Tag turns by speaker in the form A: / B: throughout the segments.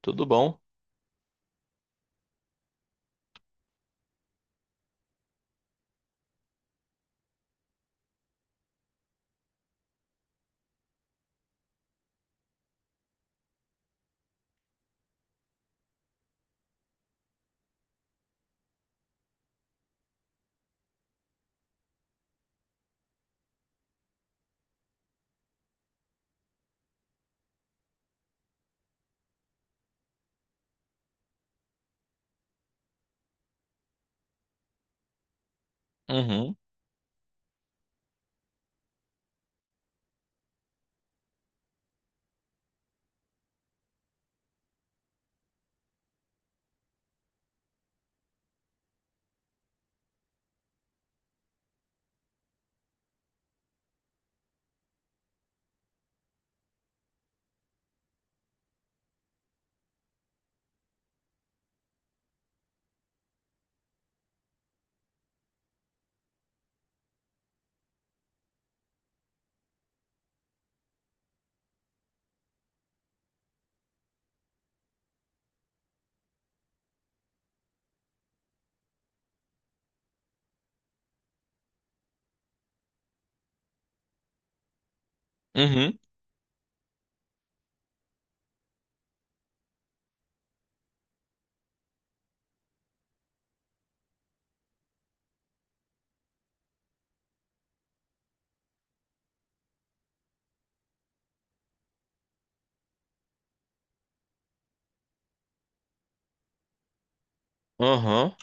A: Tudo bom? Uhum, uhum, uhum.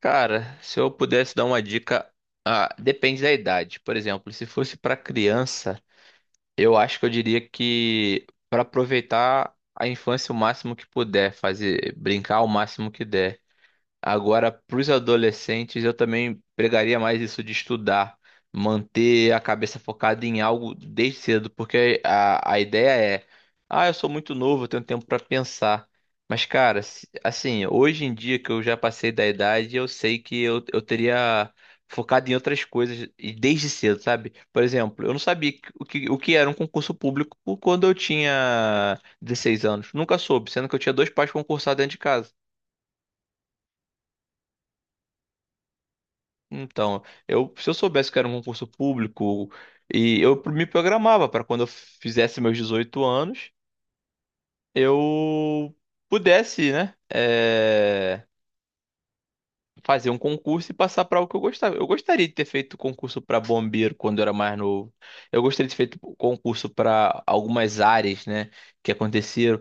A: Cara, se eu pudesse dar uma dica, ah, depende da idade. Por exemplo, se fosse pra criança, eu acho que eu diria que pra aproveitar a infância o máximo que puder, fazer brincar o máximo que der. Agora, para os adolescentes, eu também pregaria mais isso de estudar, manter a cabeça focada em algo desde cedo, porque a ideia é, ah, eu sou muito novo, eu tenho tempo para pensar. Mas, cara, assim, hoje em dia que eu já passei da idade, eu sei que eu teria focado em outras coisas e desde cedo, sabe? Por exemplo, eu não sabia o que era um concurso público quando eu tinha 16 anos. Nunca soube, sendo que eu tinha dois pais concursados dentro de casa. Então, se eu soubesse que era um concurso público e eu me programava para quando eu fizesse meus 18 anos, eu pudesse, né, fazer um concurso e passar para o que eu gostava. Eu gostaria de ter feito concurso para bombeiro quando eu era mais novo. Eu gostaria de ter feito concurso para algumas áreas, né, que aconteceram.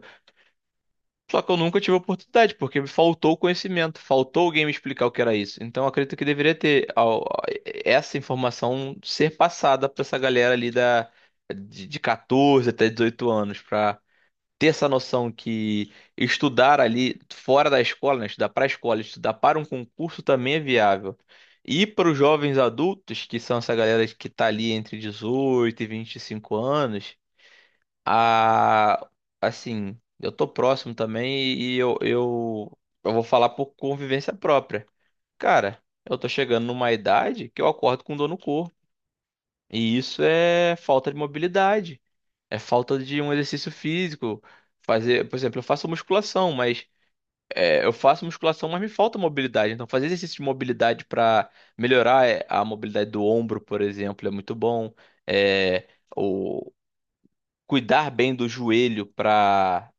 A: Só que eu nunca tive oportunidade, porque me faltou o conhecimento, faltou alguém me explicar o que era isso. Então eu acredito que essa informação ser passada para essa galera ali de 14 até 18 anos, para ter essa noção que estudar ali fora da escola, né, estudar para a escola, estudar para um concurso também é viável. E para os jovens adultos, que são essa galera que está ali entre 18 e 25 anos a assim, eu tô próximo também e eu vou falar por convivência própria. Cara, eu tô chegando numa idade que eu acordo com dor no corpo. E isso é falta de mobilidade, é falta de um exercício físico. Fazer, por exemplo, eu faço musculação, mas me falta mobilidade. Então, fazer exercício de mobilidade para melhorar a mobilidade do ombro, por exemplo, é muito bom. É, o cuidar bem do joelho para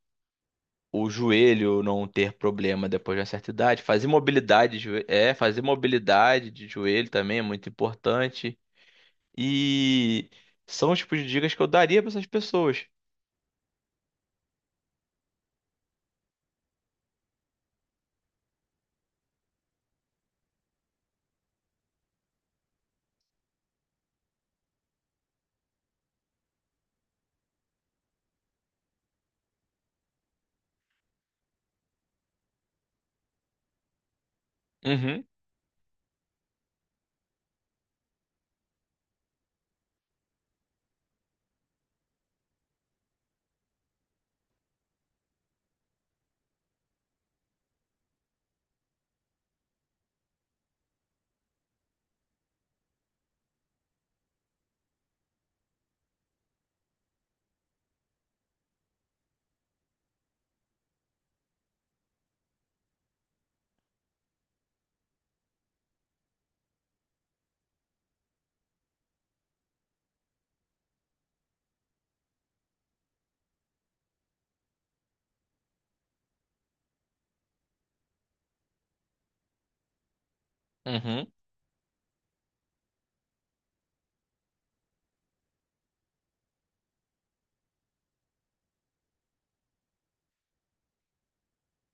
A: o joelho não ter problema depois de uma certa idade. Fazer mobilidade de joelho também é muito importante. E são os tipos de dicas que eu daria para essas pessoas. Uhum, uhum.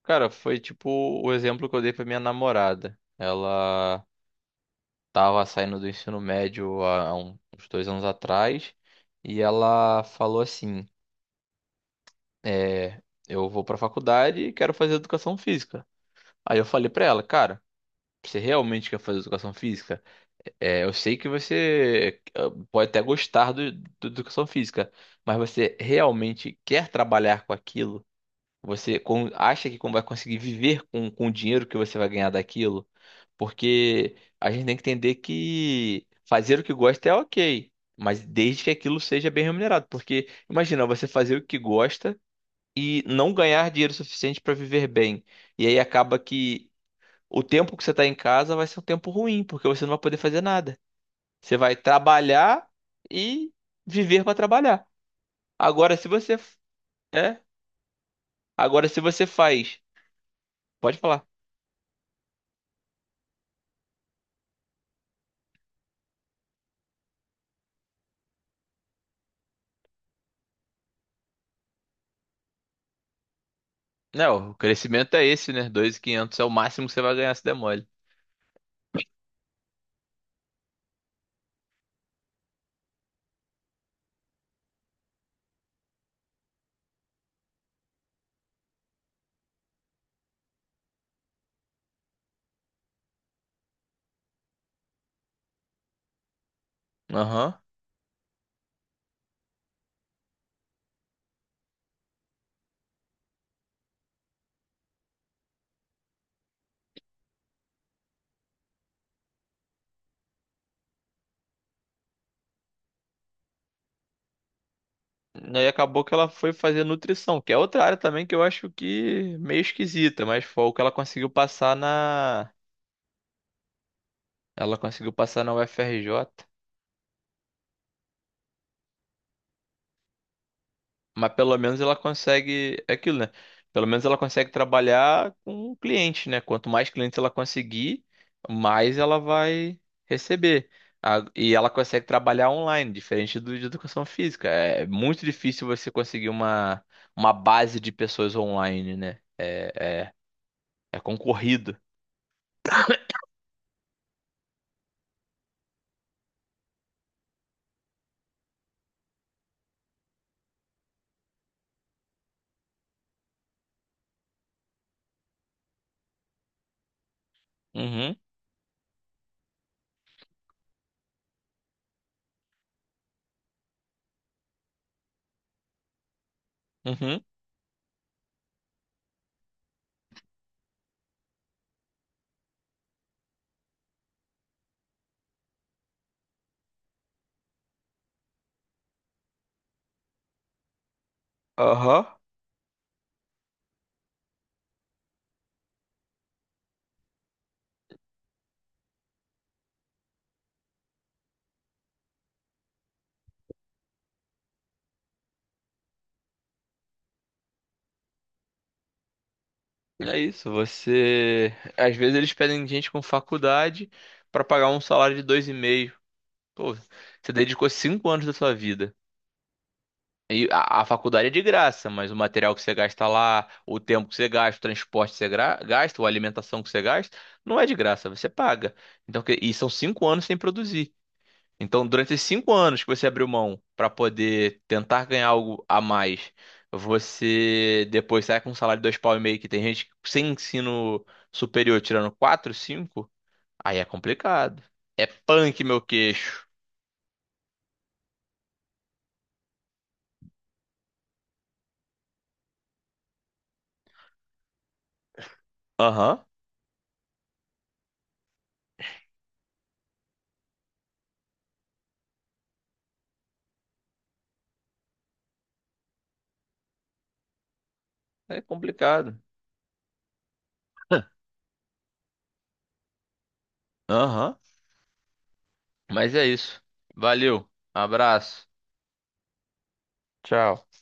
A: Cara, foi tipo o exemplo que eu dei para minha namorada. Ela tava saindo do ensino médio uns 2 anos atrás e ela falou assim: é, eu vou para faculdade e quero fazer educação física. Aí eu falei para ela, cara. Você realmente quer fazer educação física? Eu sei que você pode até gostar do educação física, mas você realmente quer trabalhar com aquilo? Você acha que vai conseguir viver com o dinheiro que você vai ganhar daquilo? Porque a gente tem que entender que fazer o que gosta é ok, mas desde que aquilo seja bem remunerado. Porque imagina você fazer o que gosta e não ganhar dinheiro suficiente para viver bem. E aí acaba que o tempo que você tá em casa vai ser um tempo ruim, porque você não vai poder fazer nada. Você vai trabalhar e viver para trabalhar. Agora, se você é, agora, se você faz, pode falar. Não, o crescimento é esse, né? 2.500 é o máximo que você vai ganhar se der mole. Aham. Aí acabou que ela foi fazer nutrição, que é outra área também que eu acho que meio esquisita, mas foi o que ela conseguiu passar na UFRJ. Mas pelo menos ela consegue. É aquilo, né? Pelo menos ela consegue trabalhar com o cliente, né? Quanto mais clientes ela conseguir, mais ela vai receber. E ela consegue trabalhar online, diferente do de educação física. É muito difícil você conseguir uma base de pessoas online, né? É, é concorrido. Uhum, uhum, aham. É isso. Você. Às vezes eles pedem gente com faculdade para pagar um salário de 2,5. Pô, você dedicou 5 anos da sua vida. E a faculdade é de graça, mas o material que você gasta lá, o tempo que você gasta, o transporte que você gasta, ou a alimentação que você gasta, não é de graça, você paga. Então, e são 5 anos sem produzir. Então, durante esses 5 anos que você abriu mão para poder tentar ganhar algo a mais, você depois sai com um salário de dois pau e meio, que tem gente que sem ensino superior tirando quatro, cinco, aí é complicado. É punk, meu queixo. Aham, é complicado. Aham. Mas é isso. Valeu. Abraço. Tchau.